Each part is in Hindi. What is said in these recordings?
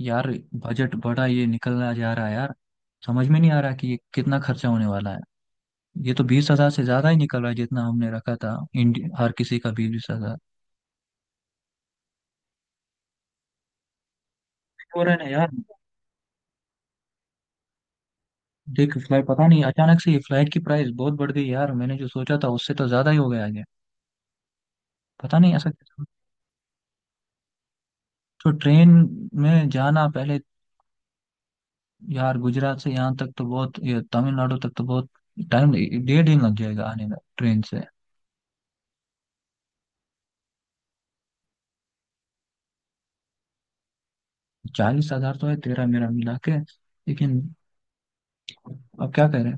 यार, बजट बड़ा ये निकलना जा रहा है यार। समझ में नहीं आ रहा कि ये कितना खर्चा होने वाला है। ये तो बीस हजार से ज्यादा ही निकल रहा है जितना हमने रखा था, हर किसी का 20-20 हजार हो रहा है ना यार। देख, फ्लाइट पता नहीं, अचानक से ये फ्लाइट की प्राइस बहुत बढ़ गई यार, मैंने जो सोचा था उससे तो ज्यादा ही हो गया है। पता नहीं ऐसा तो ट्रेन में जाना पहले। यार, गुजरात से यहाँ तक तो बहुत, ये तमिलनाडु तक तो बहुत टाइम, 1.5 दिन लग जाएगा आने में ट्रेन से। 40,000 तो है तेरा मेरा मिला के, लेकिन अब क्या करें।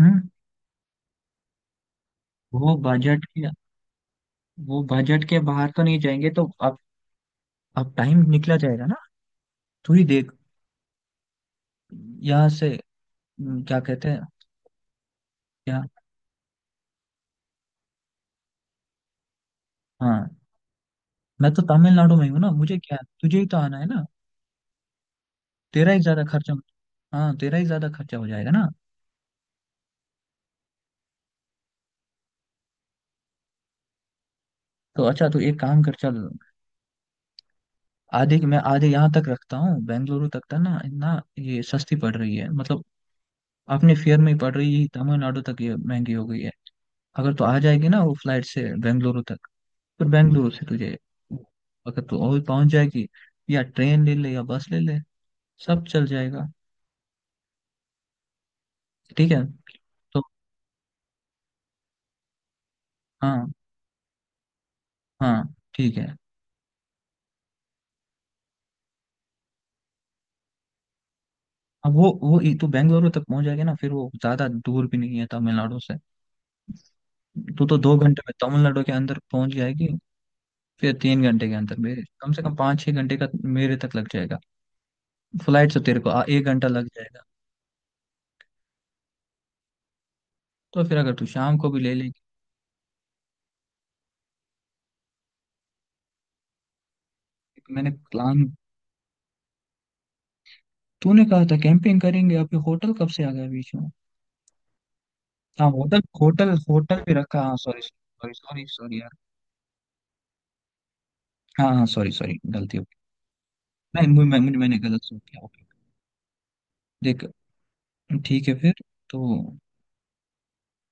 हम्म, वो बजट के, वो बजट के बाहर तो नहीं जाएंगे, तो अब टाइम निकला जाएगा ना। तू ही देख यहाँ से। क्या कहते हैं। क्या। हाँ, मैं तो तमिलनाडु में ही हूँ ना, मुझे क्या, तुझे ही तो आना है ना। तेरा ही ज्यादा खर्चा, हाँ तेरा ही ज्यादा खर्चा हो जाएगा ना। तो अच्छा, तू एक काम कर, चल, आधे मैं आधे यहाँ तक रखता हूँ, बेंगलुरु तक था ना, ना ये सस्ती पड़ रही है मतलब, अपने फेयर में ही पड़ रही है, तमिलनाडु तक ये महंगी हो गई है। अगर तू आ जाएगी ना वो फ्लाइट से बेंगलुरु तक, पर बेंगलुरु से तुझे, अगर तू और पहुंच जाएगी, या ट्रेन ले ले या बस ले ले, सब चल जाएगा। ठीक है। तो हाँ हाँ ठीक है। अब तू बेंगलुरु तक पहुंच जाएगी ना, फिर वो ज्यादा दूर भी नहीं है तमिलनाडु से। तू तो 2 घंटे में तमिलनाडु के अंदर पहुंच जाएगी, फिर 3 घंटे के अंदर मेरे, कम से कम 5-6 घंटे का मेरे तक लग जाएगा। फ्लाइट से तेरे को एक घंटा लग जाएगा। तो फिर अगर तू शाम को भी ले लेगी। मैंने प्लान, तूने कहा था कैंपिंग करेंगे, अभी होटल कब से आ गया बीच में। हाँ होटल होटल होटल भी रखा, हाँ, सॉरी सॉरी सॉरी सॉरी यार। हाँ हाँ सॉरी सॉरी, गलती हो गई। नहीं, मैंने गलत सोच लिया, ओके। देख, ठीक है फिर। तो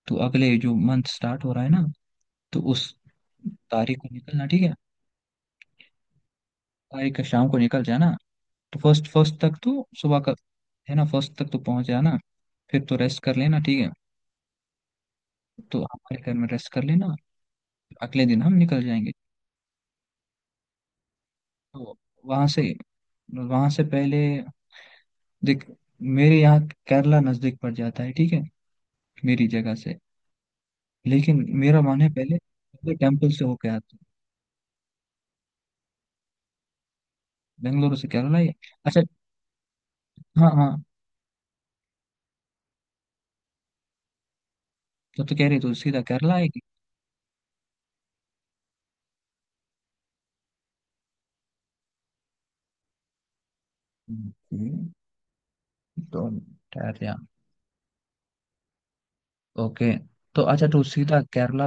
तो अगले जो मंथ स्टार्ट हो रहा है ना, तो उस तारीख को निकलना, ठीक है। तारीख का शाम को निकल जाना, तो फर्स्ट फर्स्ट तक तो सुबह का, है ना, फर्स्ट तक तो पहुंच जाना, फिर तो रेस्ट कर लेना, ठीक है, तो हमारे घर में रेस्ट कर लेना। अगले दिन हम निकल जाएंगे। तो वहां से वहां से पहले देख, मेरे यहाँ केरला नजदीक पड़ जाता है, ठीक है, मेरी जगह से, लेकिन मेरा मन है पहले, पहले टेम्पल से होके आते हैं। बेंगलुरु से केरला आए? अच्छा, हाँ हाँ। तो कह रही तू सीधा केरला आएगी। ओके, तो ठहर जा, ओके। तो अच्छा, तू सीधा केरला,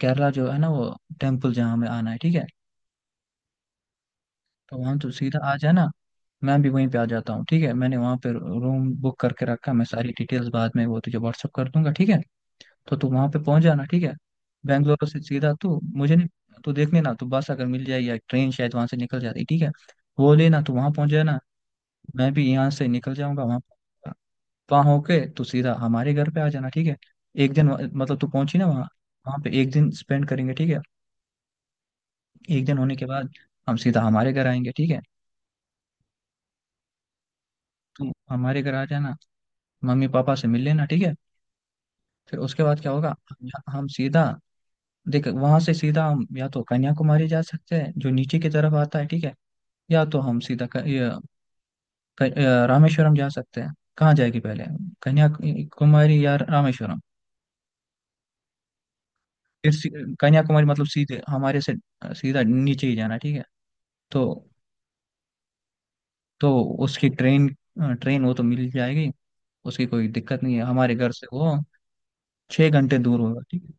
केरला जो है ना वो, टेम्पल जहाँ हमें आना है, ठीक है, तो वहाँ तू सीधा आ जाना। मैं भी वहीं पे आ जाता हूँ, ठीक है, मैंने वहाँ पे रूम बुक करके रखा, मैं सारी डिटेल्स बाद में वो तुझे व्हाट्सअप कर दूंगा, ठीक है। तो तू वहां पे पहुंच जाना, ठीक है। बेंगलोर से सीधा तू, मुझे नहीं, तू देख लेना, तू बस अगर मिल जाए या ट्रेन, शायद वहां से निकल जाती, ठीक है, वो लेना, तू वहां पहुंच जाना। मैं भी यहाँ से निकल जाऊंगा वहां, वहां होके तू सीधा हमारे घर पे आ जाना, ठीक है। एक दिन वहाँ, मतलब तू पहुंची ना वहाँ, वहां पे एक दिन स्पेंड करेंगे, ठीक है। एक दिन होने के बाद हम सीधा हमारे घर आएंगे, ठीक है, तुम हमारे घर आ जाना, मम्मी पापा से मिल लेना, ठीक है। फिर उसके बाद क्या होगा, हम हम सीधा, देख वहां से सीधा हम या तो कन्याकुमारी जा सकते हैं जो नीचे की तरफ आता है, ठीक है, या तो हम सीधा क, ये, क, अ, रामेश्वरम जा सकते हैं। कहाँ जाएगी पहले, कन्याकुमारी या रामेश्वरम? फिर सी- कन्याकुमारी मतलब सीधे हमारे से सीधा नीचे ही जाना, ठीक है। तो तो उसकी ट्रेन, ट्रेन वो तो मिल जाएगी, उसकी कोई दिक्कत नहीं है, हमारे घर से वो 6 घंटे दूर होगा, ठीक है।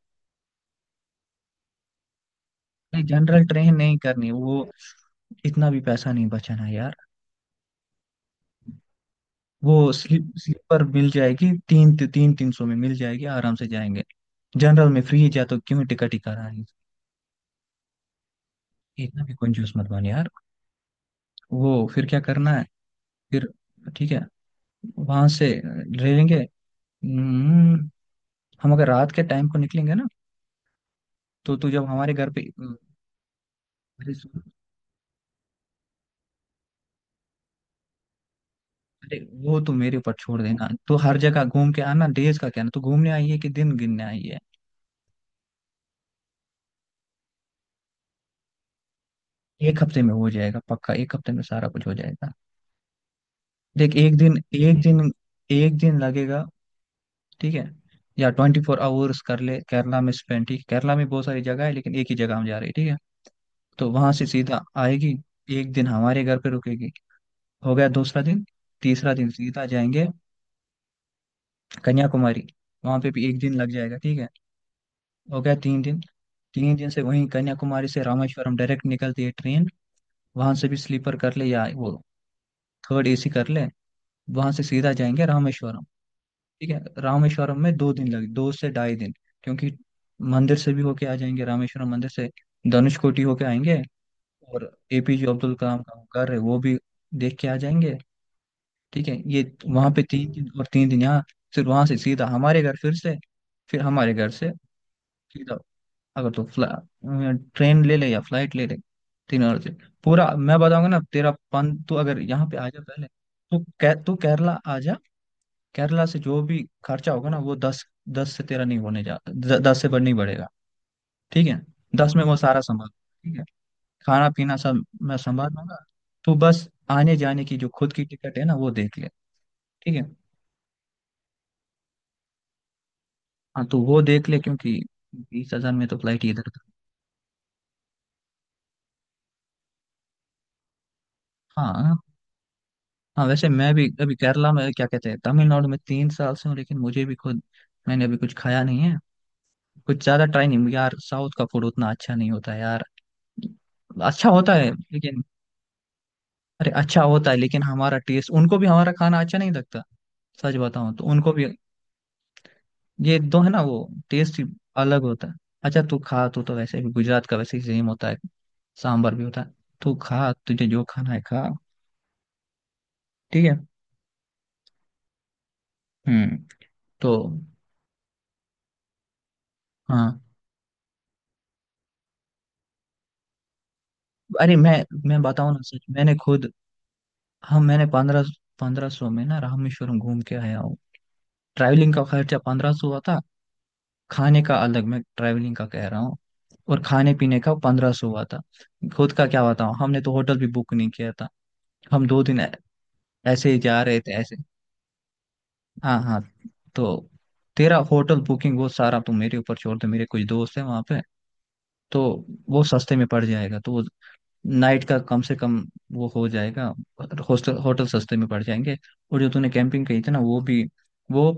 नहीं, जनरल ट्रेन नहीं करनी वो, इतना भी पैसा नहीं बचाना यार। वो स्लीपर मिल जाएगी, तीन 300-300 में मिल जाएगी, आराम से जाएंगे। जनरल में फ्री जा, तो क्यों टिकट ही करानी, इतना भी कंजूस मत बन यार। वो फिर क्या करना है, फिर, ठीक है, वहां से ले लेंगे। हम्म, हम अगर रात के टाइम को निकलेंगे ना, तो तू जब हमारे घर पे अरे सुन, अरे, वो तो मेरे ऊपर छोड़ देना, तू हर जगह घूम के आना, डेज का क्या ना, तू घूमने आई है कि दिन गिनने आई है। एक हफ्ते में हो जाएगा पक्का, एक हफ्ते में सारा कुछ हो जाएगा। देख, एक दिन एक दिन लगेगा, ठीक है, या 24 hours कर ले केरला में स्पेंड, ठीक है? केरला में बहुत सारी जगह है लेकिन एक ही जगह हम जा रहे हैं, ठीक है। तो वहां से सीधा आएगी, एक दिन हमारे घर पे रुकेगी, हो गया दूसरा दिन। तीसरा दिन सीधा जाएंगे कन्याकुमारी, वहां पे भी एक दिन लग जाएगा, ठीक है, हो गया 3 दिन। 3 दिन से वहीं, कन्याकुमारी से रामेश्वरम डायरेक्ट निकलती है ट्रेन, वहां से भी स्लीपर कर ले या वो थर्ड एसी कर ले, वहां से सीधा जाएंगे रामेश्वरम, ठीक है। रामेश्वरम में 2 दिन लगे, दो से 2.5 दिन, क्योंकि मंदिर से भी होके आ जाएंगे, रामेश्वरम मंदिर से धनुषकोटी होके आएंगे, और एपीजे अब्दुल कलाम का वो घर है वो भी देख के आ जाएंगे, ठीक है। ये वहां पे 3 दिन और 3 दिन यहाँ। फिर वहां से सीधा हमारे घर, फिर से, फिर हमारे घर से सीधा, अगर तो फ्ला ट्रेन ले ले या फ्लाइट ले ले। तीन और से, पूरा मैं बताऊंगा ना तेरा पन, तू अगर यहाँ पे आ जा पहले, तो तू केरला आ जा। केरला से जो भी खर्चा होगा ना, वो दस, दस से तेरा नहीं होने जा दस से बढ़ नहीं बढ़ेगा, ठीक है, दस में वो सारा संभाल, ठीक है। खाना पीना सब मैं संभाल लूंगा, तू बस आने जाने की जो खुद की टिकट है ना वो देख ले, ठीक है। हाँ तो वो देख ले, क्योंकि 20,000 में तो फ्लाइट इधर उधर। हाँ हाँ, वैसे मैं भी अभी केरला में क्या कहते हैं, तमिलनाडु में 3 साल से हूँ, लेकिन मुझे भी खुद, मैंने अभी कुछ खाया नहीं है, कुछ ज्यादा ट्राई नहीं यार, साउथ का फूड उतना अच्छा नहीं होता यार। अच्छा होता है लेकिन, अरे अच्छा होता है लेकिन हमारा टेस्ट, उनको भी हमारा खाना अच्छा नहीं लगता, सच बताऊं तो, उनको भी ये दो है ना वो, टेस्ट अलग होता है। अच्छा तू खा, तू तो वैसे भी गुजरात का वैसे ही सेम होता है, सांभर भी होता है, तू खा, तुझे जो खाना है खा, ठीक है। हम्म। तो हाँ, अरे मैं बताऊँ ना सच, मैंने खुद, हम मैंने पंद्रह पंद्रह सौ में ना रामेश्वरम घूम के आया हूँ, ट्रैवलिंग का खर्चा 1500 हुआ था। खाने का अलग, मैं ट्रैवलिंग का कह रहा हूँ, और खाने पीने का 1500 हुआ था। खुद का क्या बताऊँ, हमने तो होटल भी बुक नहीं किया था, हम 2 दिन ऐसे ही जा रहे थे, ऐसे। हाँ हाँ, तो तेरा होटल बुकिंग वो सारा तुम मेरे ऊपर छोड़ दो, मेरे कुछ दोस्त हैं वहाँ पे, तो वो सस्ते में पड़ जाएगा, तो वो नाइट का कम से कम वो हो जाएगा, हॉस्टल होटल सस्ते में पड़ जाएंगे। और जो तूने कैंपिंग कही थी ना, वो भी, वो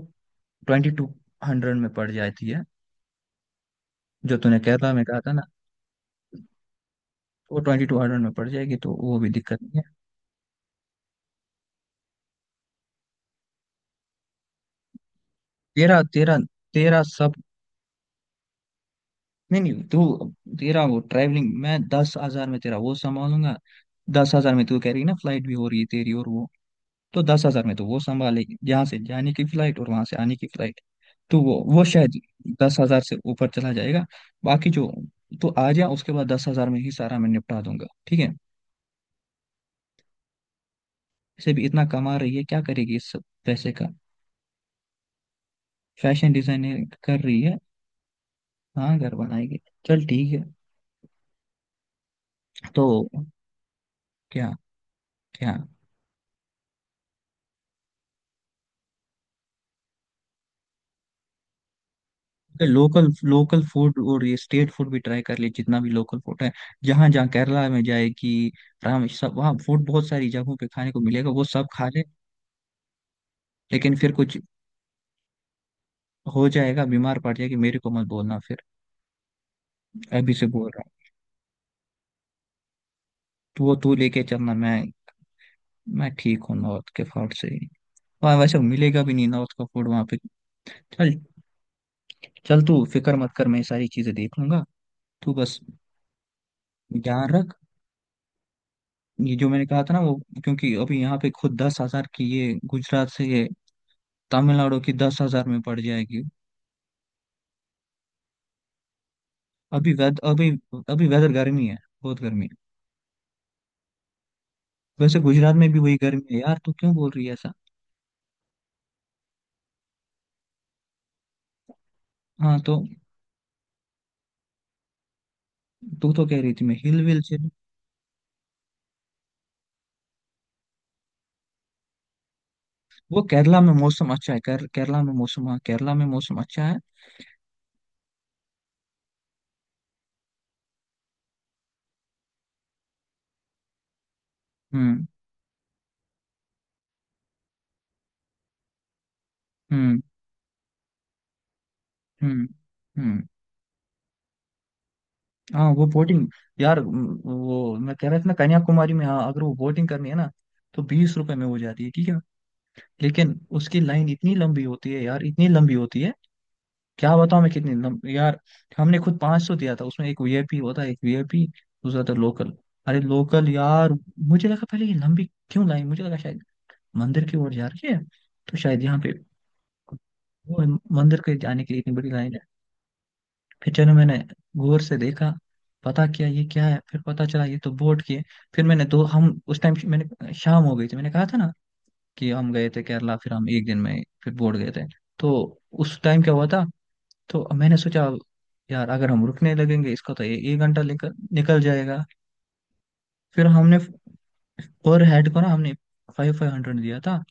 2200 में पड़ जाती है, जो तूने केरला में कहा था ना, वो 2200 में पड़ जाएगी, तो वो भी दिक्कत नहीं है। तेरा तेरा तेरा सब, नहीं नहीं, तू, तेरा वो ट्रैवलिंग मैं दस हजार में तेरा वो संभालूंगा। दस हजार में तू कह रही है ना, फ्लाइट भी हो रही है तेरी, और वो, तो दस हजार में तो वो संभालेगी, यहाँ से जाने की फ्लाइट और वहां से आने की फ्लाइट, तो वो शायद दस हजार से ऊपर चला जाएगा। बाकी जो, तो आ जा, उसके बाद दस हजार में ही सारा मैं निपटा दूंगा, ठीक है। इसे भी इतना कमा रही है, क्या करेगी इस सब पैसे का, फैशन डिजाइनिंग कर रही है। हाँ, घर बनाएगी। चल ठीक है। तो क्या क्या, लोकल लोकल फूड और ये स्टेट फूड भी ट्राई कर लिए, जितना भी लोकल फूड है, जहाँ जहाँ केरला में जाएगी, रामेश्वर सब, वहाँ फूड बहुत सारी जगहों पे खाने को मिलेगा, वो सब खा ले। लेकिन फिर कुछ हो जाएगा, बीमार पड़ जाएगी, मेरे को मत बोलना फिर, अभी से बोल रहा हूँ, तो वो तू लेके चलना। मैं ठीक हूँ नॉर्थ के फूड से ही, वहाँ वैसे मिलेगा भी नहीं नॉर्थ का फूड वहाँ पे। चल, चल तू फिक्र मत कर, मैं ये सारी चीजें देख लूंगा, तू बस ध्यान रख। ये जो मैंने कहा था ना वो, क्योंकि अभी यहाँ पे खुद दस हजार की ये, गुजरात से ये तमिलनाडु की दस हजार में पड़ जाएगी। अभी वेद अभी अभी वेदर गर्मी है, बहुत गर्मी है। वैसे गुजरात में भी वही गर्मी है यार, तू क्यों बोल रही है ऐसा। हाँ तो, तू तो कह रही थी मैं हिल विल से। वो केरला में मौसम अच्छा है, केरला में मौसम, हाँ केरला में मौसम अच्छा है। हम्म हम्म हम्म। हम्म, हाँ वो बोटिंग, यार वो मैं कह रहा था ना कन्याकुमारी में, हाँ अगर वो बोटिंग करनी है ना, तो 20 रुपए में हो जाती है, ठीक है। लेकिन उसकी लाइन इतनी लंबी होती है यार, इतनी लंबी होती है, क्या बताऊं मैं कितनी लंबी यार। हमने खुद 500 दिया था, उसमें एक वीआईपी होता है, एक वीआईपी, दूसरा था लोकल, अरे लोकल यार। मुझे लगा पहले ये लंबी क्यों लाई, मुझे लगा शायद मंदिर की ओर जा रही है, तो शायद यहाँ पे वो है, मंदिर के जाने के लिए इतनी बड़ी लाइन है। फिर चलो, मैंने गौर से देखा, पता किया ये क्या है, फिर पता चला ये तो बोट की है। फिर मैंने दो, हम उस टाइम, मैंने शाम हो गई थी, मैंने कहा था ना कि हम गए थे केरला, फिर हम एक दिन में फिर बोट गए थे, तो उस टाइम क्या हुआ था। तो मैंने सोचा, यार अगर हम रुकने लगेंगे इसका तो ये एक घंटा निकल निकल जाएगा, फिर हमने पर हेड को ना हमने फाइव 500 दिया था,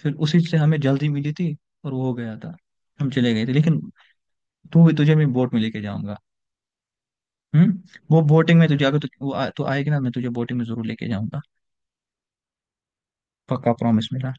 फिर उसी से हमें जल्दी मिली थी और वो हो गया था, हम चले गए थे। लेकिन तू भी, तुझे मैं बोट में लेके जाऊंगा। हम्म, वो बोटिंग में तुझे, अगर तू आएगी ना, मैं तुझे बोटिंग में जरूर लेके जाऊंगा। पक्का प्रॉमिस मेरा।